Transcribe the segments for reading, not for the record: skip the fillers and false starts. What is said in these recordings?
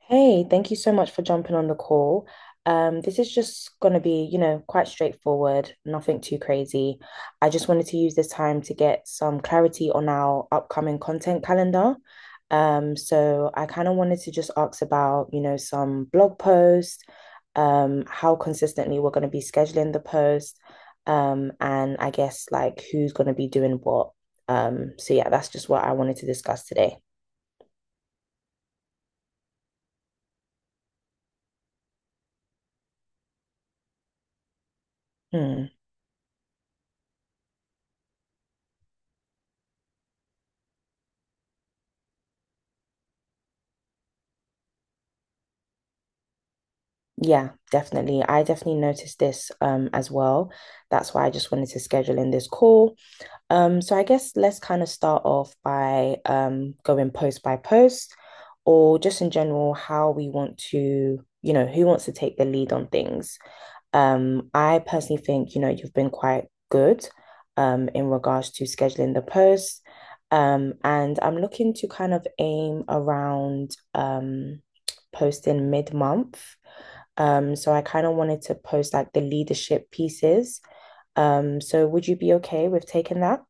Hey, thank you so much for jumping on the call. This is just going to be, you know, quite straightforward, nothing too crazy. I just wanted to use this time to get some clarity on our upcoming content calendar. So I kind of wanted to just ask about, you know, some blog posts, how consistently we're going to be scheduling the post, and I guess like who's going to be doing what. So yeah, that's just what I wanted to discuss today. Hmm. Yeah, definitely. I definitely noticed this as well. That's why I just wanted to schedule in this call. So I guess let's kind of start off by going post by post or just in general how we want to, you know, who wants to take the lead on things. I personally think, you know, you've been quite good in regards to scheduling the post. And I'm looking to kind of aim around posting mid-month, so I kind of wanted to post like the leadership pieces. So would you be okay with taking that?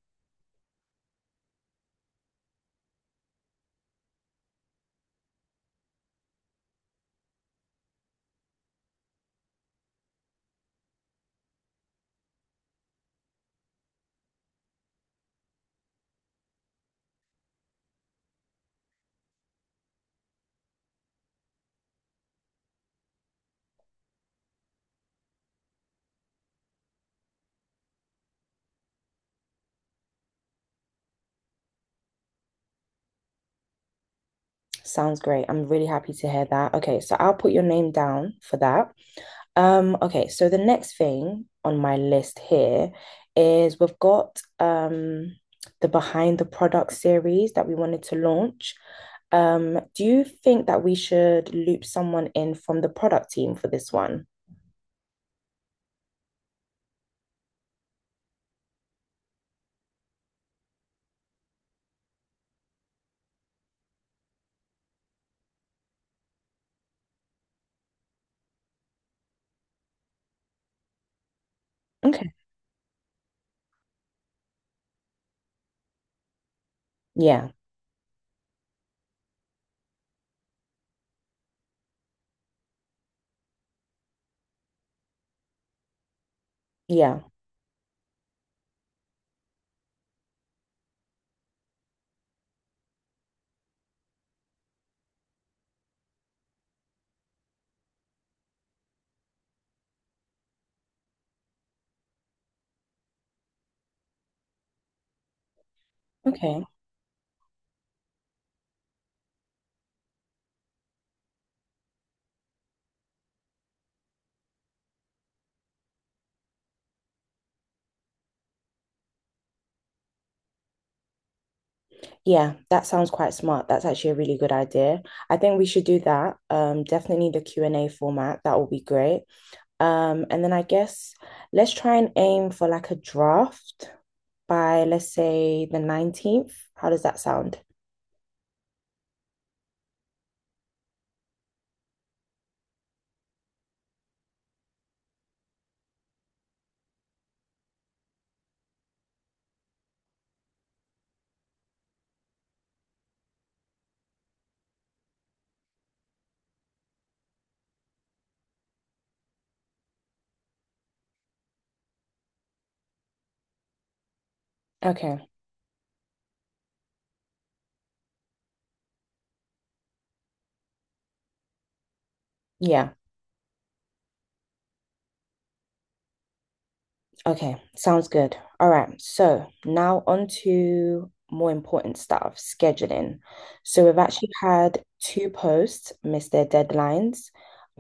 Sounds great. I'm really happy to hear that. Okay, so I'll put your name down for that. Okay, so the next thing on my list here is we've got the Behind the Product series that we wanted to launch. Do you think that we should loop someone in from the product team for this one? Okay. Yeah, yeah. Okay. Yeah, that sounds quite smart. That's actually a really good idea. I think we should do that. Definitely the Q&A format. That will be great. And then I guess let's try and aim for like a draft by let's say the 19th. How does that sound? Okay. Yeah. Okay, sounds good. All right, so now on to more important stuff, scheduling. So we've actually had two posts miss their deadlines.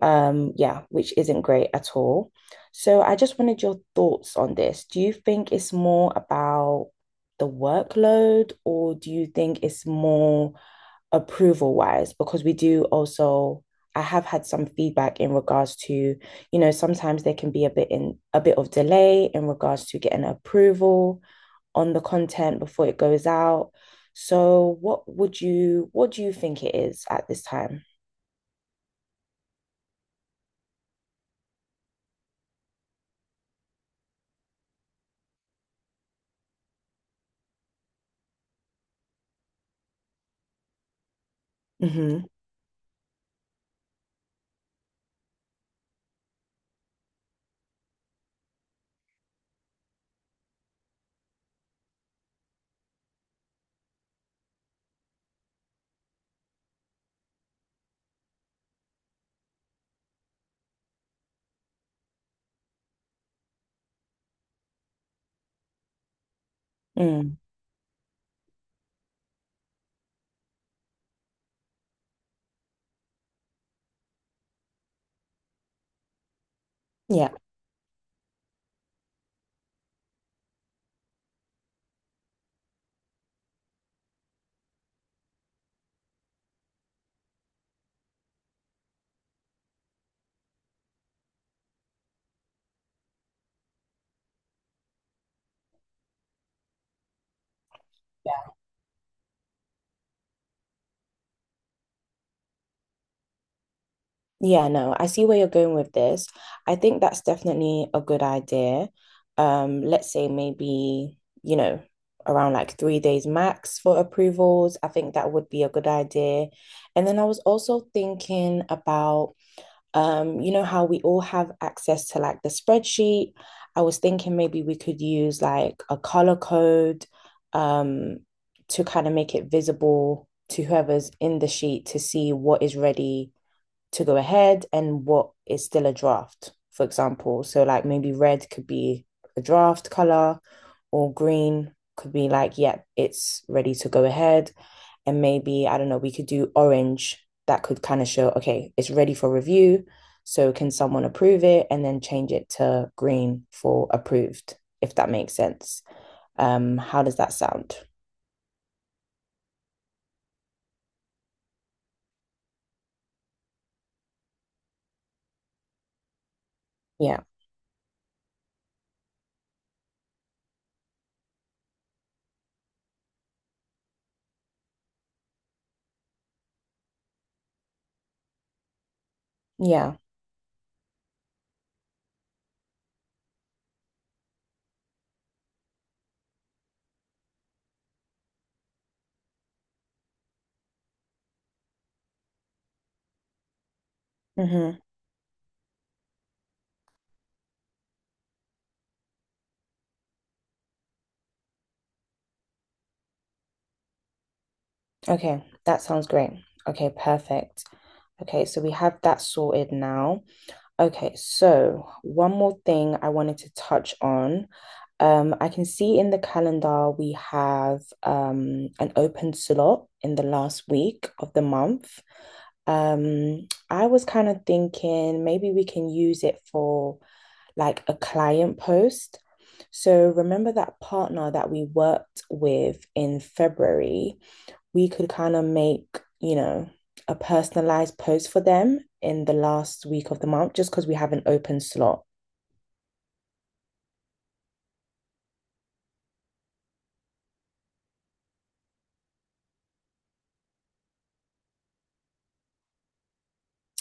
Yeah, which isn't great at all. So I just wanted your thoughts on this. Do you think it's more about the workload, or do you think it's more approval wise because we do also I have had some feedback in regards to, you know, sometimes there can be a bit of delay in regards to getting approval on the content before it goes out. So what do you think it is at this time? Mm-hmm. Mm. Yeah. Yeah, no, I see where you're going with this. I think that's definitely a good idea. Let's say maybe, you know, around like 3 days max for approvals. I think that would be a good idea. And then I was also thinking about, you know, how we all have access to like the spreadsheet. I was thinking maybe we could use like a color code, um, to kind of make it visible to whoever's in the sheet to see what is ready to go ahead and what is still a draft, for example. So, like, maybe red could be a draft color or green could be like, yeah, it's ready to go ahead. And maybe, I don't know, we could do orange that could kind of show, okay, it's ready for review. So, can someone approve it and then change it to green for approved, if that makes sense? How does that sound? Yeah. Yeah. Hmm. Okay, that sounds great. Okay, perfect. Okay, so we have that sorted now. Okay, so one more thing I wanted to touch on. I can see in the calendar we have an open slot in the last week of the month. I was kind of thinking maybe we can use it for like a client post. So remember that partner that we worked with in February? We could kind of make, you know, a personalized post for them in the last week of the month just because we have an open slot.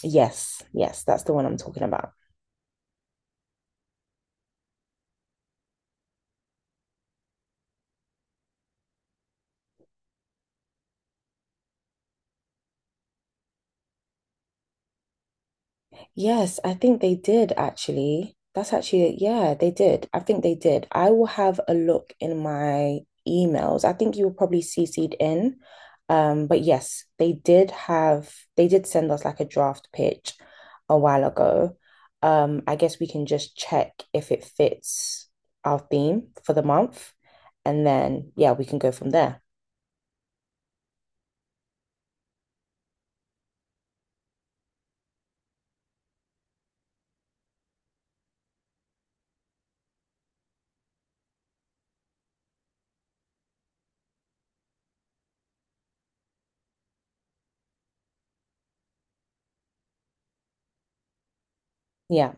Yes, yes, that's the one I'm talking about. Yes, I think they did actually. That's actually, yeah, they did. I think they did. I will have a look in my emails. I think you were probably CC'd in. But yes, they did send us like a draft pitch a while ago. I guess we can just check if it fits our theme for the month. And then, yeah, we can go from there. Yeah.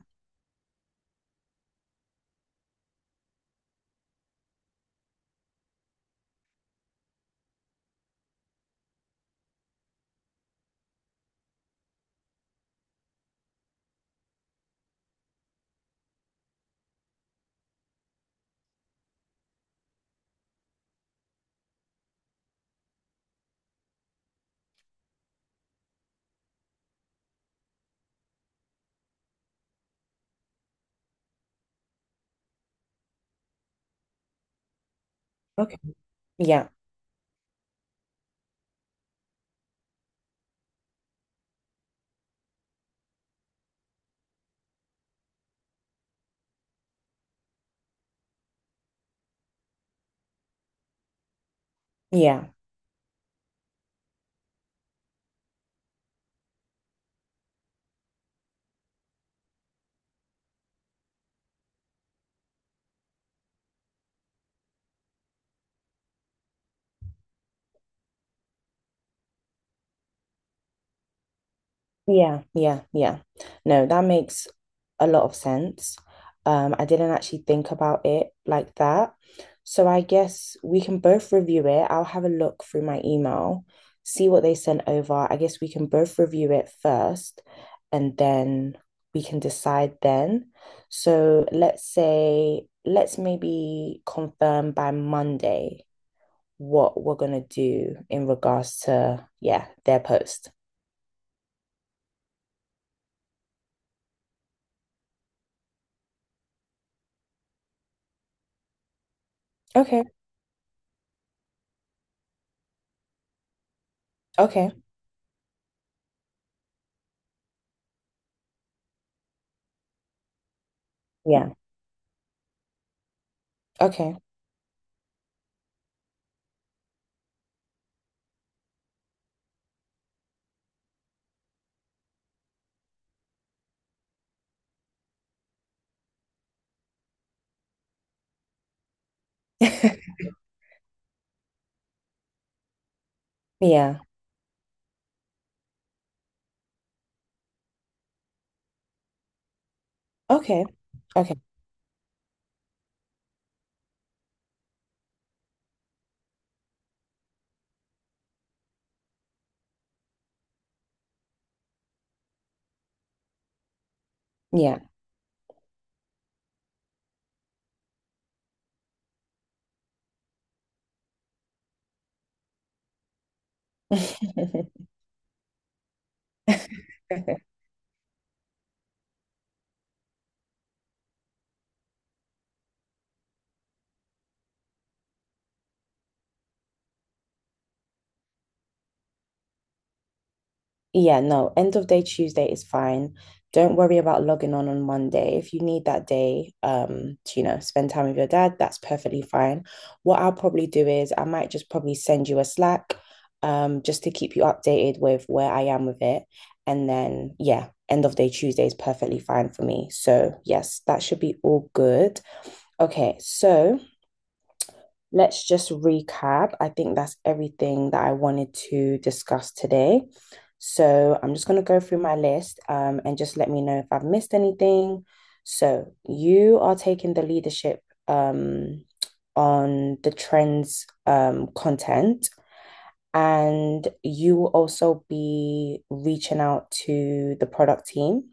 Okay. Yeah. Yeah. Yeah, yeah, yeah. No, that makes a lot of sense. I didn't actually think about it like that. So I guess we can both review it. I'll have a look through my email, see what they sent over. I guess we can both review it first and then we can decide then. So let's maybe confirm by Monday what we're gonna do in regards to, yeah, their post. Okay, okay. Yeah. Okay. Yeah. Okay. Okay. Yeah. Yeah, no, end of day Tuesday is fine. Don't worry about logging on Monday. If you need that day, to, you know, spend time with your dad, that's perfectly fine. What I'll probably do is I might just probably send you a Slack, just to keep you updated with where I am with it. And then, yeah, end of day Tuesday is perfectly fine for me. So, yes, that should be all good. Okay, so, let's just recap. I think that's everything that I wanted to discuss today. So I'm just going to go through my list, and just let me know if I've missed anything. So you are taking the leadership, um, on the trends content, and you will also be reaching out to the product team,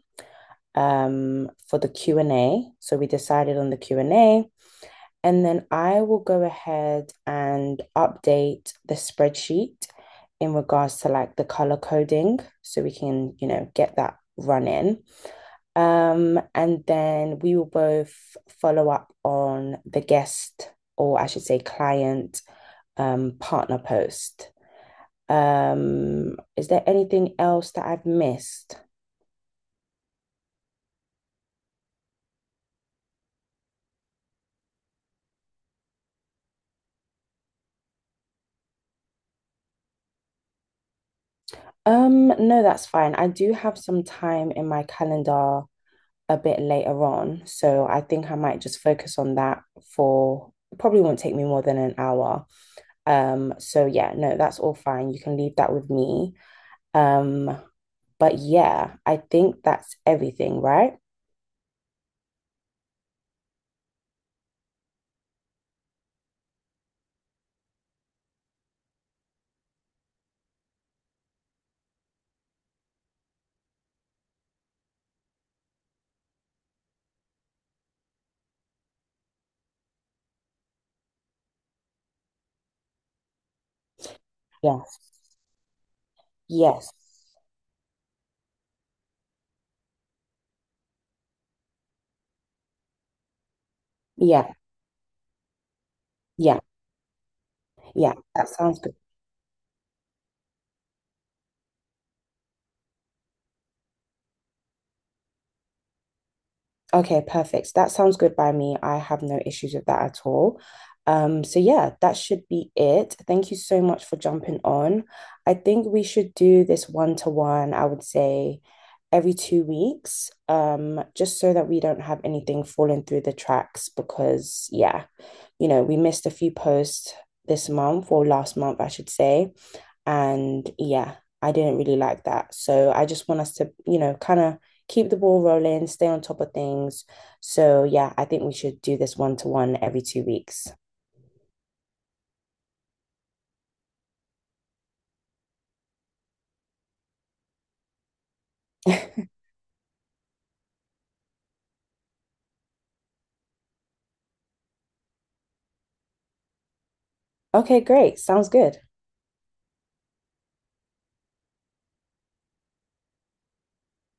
for the Q&A. So we decided on the Q&A, and then I will go ahead and update the spreadsheet in regards to like the color coding so we can, you know, get that running. And then we will both follow up on the guest, or I should say, client, partner post. Is there anything else that I've missed? No, that's fine. I do have some time in my calendar a bit later on. So I think I might just focus on that for it probably won't take me more than an hour. So yeah, no, that's all fine. You can leave that with me. Um, but yeah, I think that's everything, right? Yes. Yes. Yeah. Yeah. Yeah. That sounds good. Okay, perfect. That sounds good by me. I have no issues with that at all. So yeah, that should be it. Thank you so much for jumping on. I think we should do this one to one, I would say every 2 weeks, just so that we don't have anything falling through the tracks because yeah, you know, we missed a few posts this month or last month, I should say. And yeah, I didn't really like that. So I just want us to, you know, kind of keep the ball rolling, stay on top of things. So yeah, I think we should do this one to one every 2 weeks. Okay, great. Sounds good.